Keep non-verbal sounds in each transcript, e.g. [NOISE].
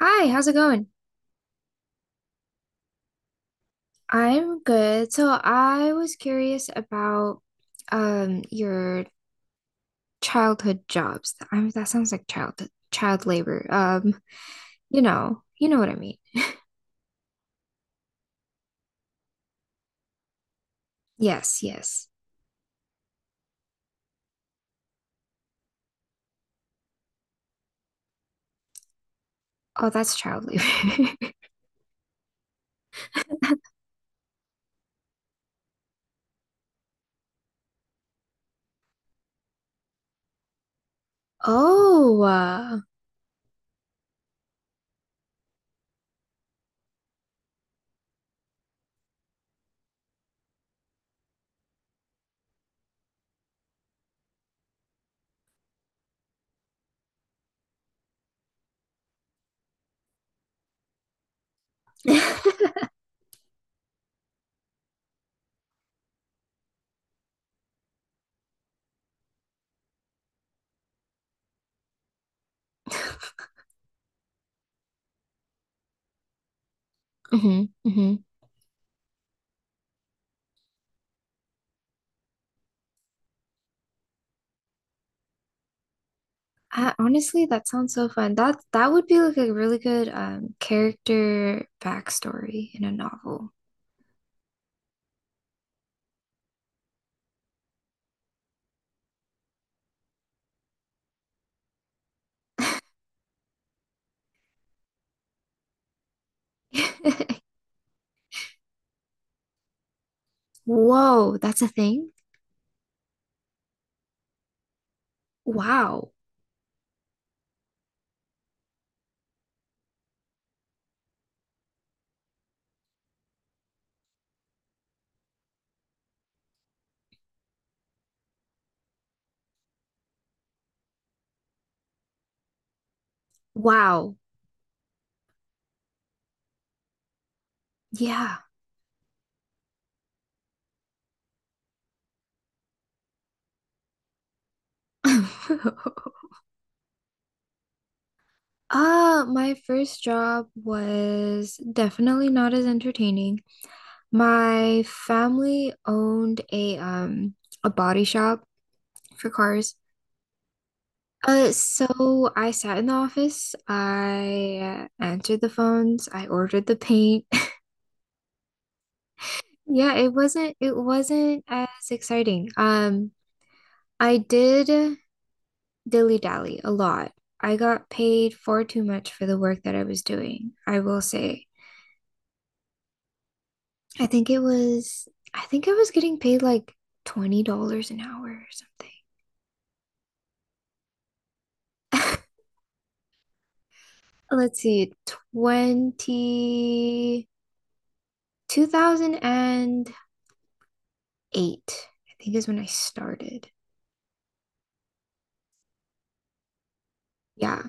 Hi, how's it going? I'm good. So I was curious about your childhood jobs. I mean, that sounds like child labor. You know what I mean. Yes, yes. Oh, that's child labor. [LAUGHS] Oh, [LAUGHS] Hmm, hmm. Honestly, that sounds so fun. That would be like a really good character backstory in a novel. [LAUGHS] Whoa, that's a thing? Wow. Wow. Yeah. [LAUGHS] My first job was definitely not as entertaining. My family owned a body shop for cars. So I sat in the office, I answered the phones, I ordered the paint. [LAUGHS] Yeah, it wasn't as exciting. I did dilly-dally a lot. I got paid far too much for the work that I was doing, I will say. I think it was, I think I was getting paid like $20 an hour or something. [LAUGHS] Let's see, twenty 2008. I think is when I started. Yeah.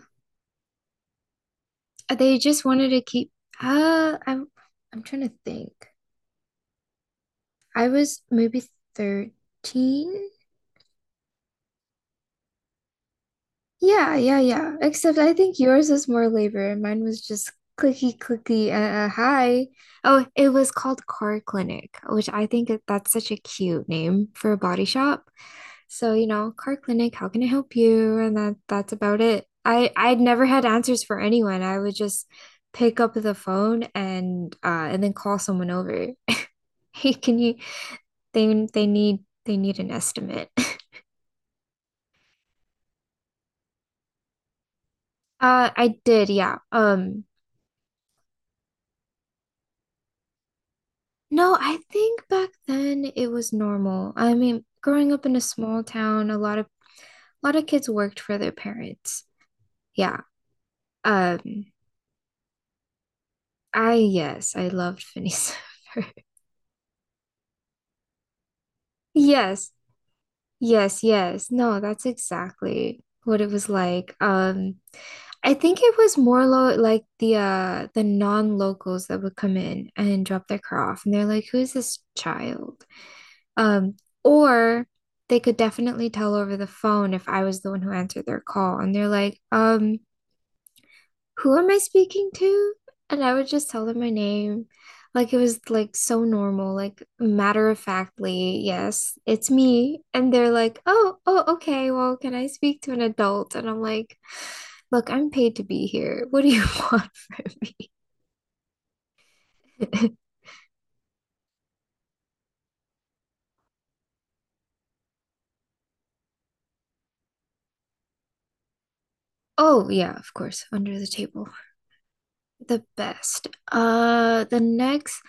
They just wanted to keep, uh, I'm, I'm trying to think. I was maybe 13. Yeah, yeah, yeah. Except I think yours was more labor and mine was just clicky clicky hi. Oh, it was called Car Clinic, which I think that's such a cute name for a body shop. So, you know, Car Clinic, how can I help you? And that's about it. I'd never had answers for anyone. I would just pick up the phone and then call someone over. [LAUGHS] Hey, can you they need an estimate. [LAUGHS] I did, yeah. No, I think back then it was normal. I mean, growing up in a small town, a lot of kids worked for their parents. Yeah. Um, I yes, I loved Phineas [LAUGHS] and Ferb. Yes. Yes, yes. No, that's exactly what it was like. I think it was more lo like the the non-locals that would come in and drop their car off and they're like, "Who is this child?" Um, or they could definitely tell over the phone if I was the one who answered their call. And they're like, who am I speaking to? And I would just tell them my name. Like it was like so normal, like matter of factly, yes, it's me. And they're like, oh, oh, okay, well, can I speak to an adult? And I'm like, look, I'm paid to be here. What do you [LAUGHS] want from me? [LAUGHS] Oh, yeah, of course, under the table. The best.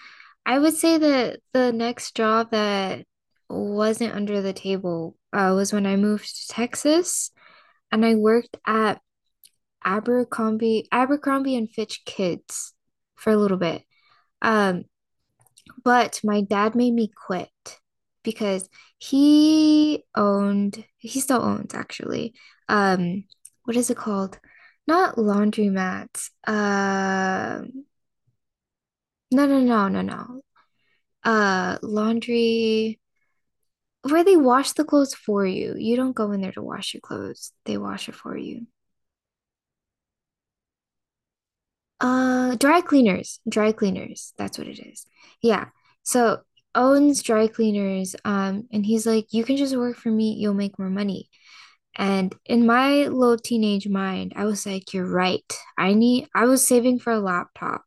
I would say that the next job that wasn't under the table was when I moved to Texas and I worked at Abercrombie and Fitch Kids for a little bit. Um, but my dad made me quit because he owned, he still owns actually. Um, what is it called? Not laundromats. No, no, no, no, no. Laundry where they wash the clothes for you. You don't go in there to wash your clothes. They wash it for you. Dry cleaners. Dry cleaners. That's what it is. Yeah. So Owen's dry cleaners, and he's like, you can just work for me, you'll make more money. And in my little teenage mind, I was like, you're right. I was saving for a laptop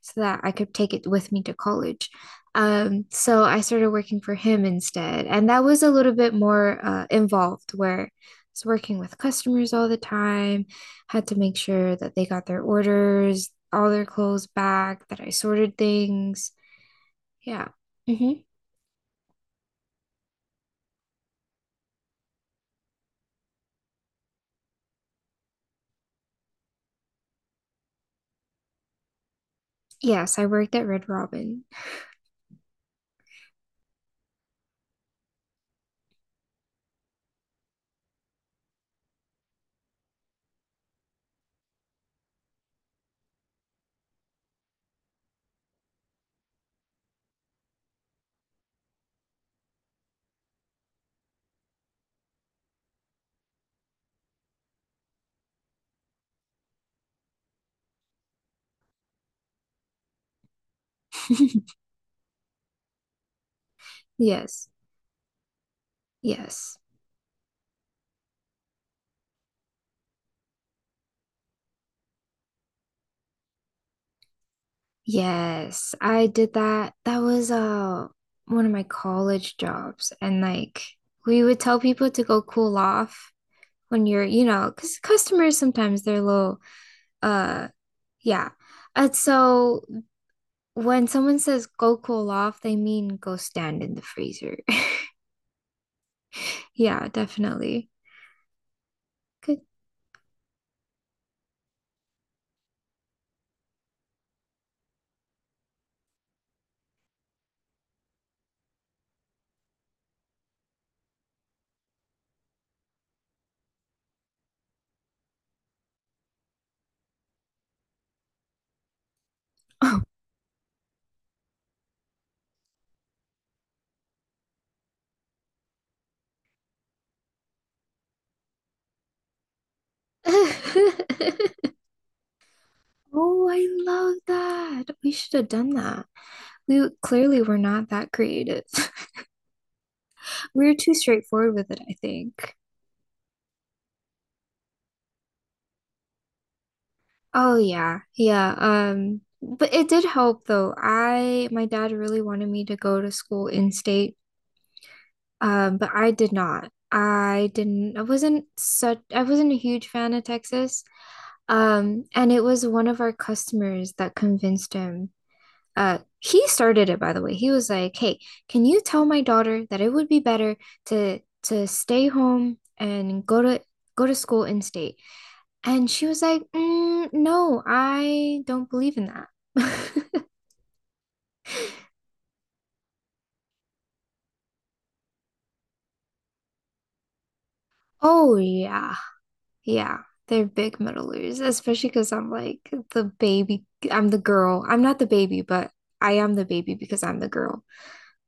so that I could take it with me to college. So I started working for him instead. And that was a little bit more involved, where I was working with customers all the time, had to make sure that they got their orders, all their clothes back, that I sorted things. Yeah. Hmm. Yes, I worked at Red Robin. [LAUGHS] Yes. Yes. Yes, I did that. That was one of my college jobs and like we would tell people to go cool off when you're, you know, because customers sometimes they're a little uh yeah. And so when someone says go cool off, they mean go stand in the freezer. [LAUGHS] Yeah, definitely. Good. Oh. [LAUGHS] Oh, I love that. We should have done that. We clearly were not that creative. [LAUGHS] We're too straightforward with it, I think. Oh yeah, yeah. But it did help though. I my dad really wanted me to go to school in state, but I did not. I didn't. I wasn't such. I wasn't a huge fan of Texas. And it was one of our customers that convinced him. He started it by the way. He was like, "Hey, can you tell my daughter that it would be better to stay home and go to school in state?" And she was like, no, I don't believe in that. [LAUGHS] Oh, yeah. Yeah. They're big meddlers, especially because I'm like the baby. I'm the girl. I'm not the baby, but I am the baby because I'm the girl.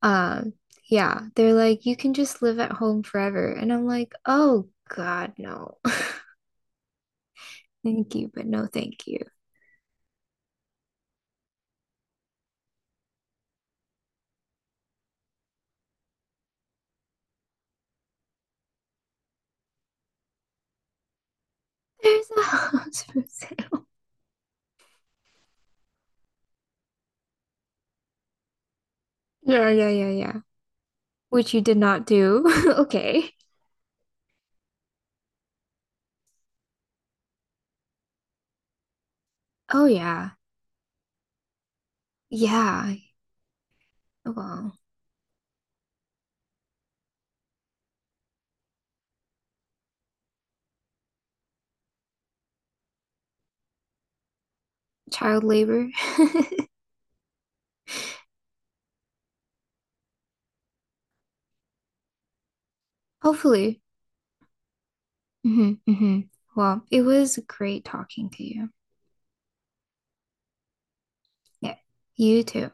Um, yeah. They're like, you can just live at home forever. And I'm like, oh, God, no. [LAUGHS] Thank you, but no, thank you. [LAUGHS] There's a house for sale. [LAUGHS] Yeah, yeah, yeah, yeah. Which you did not do. [LAUGHS] Okay. Oh, yeah. Yeah. Oh, well. Child labor. [LAUGHS] Hopefully. Hmm, hmm. Well, it was great talking to you. Yeah, you too.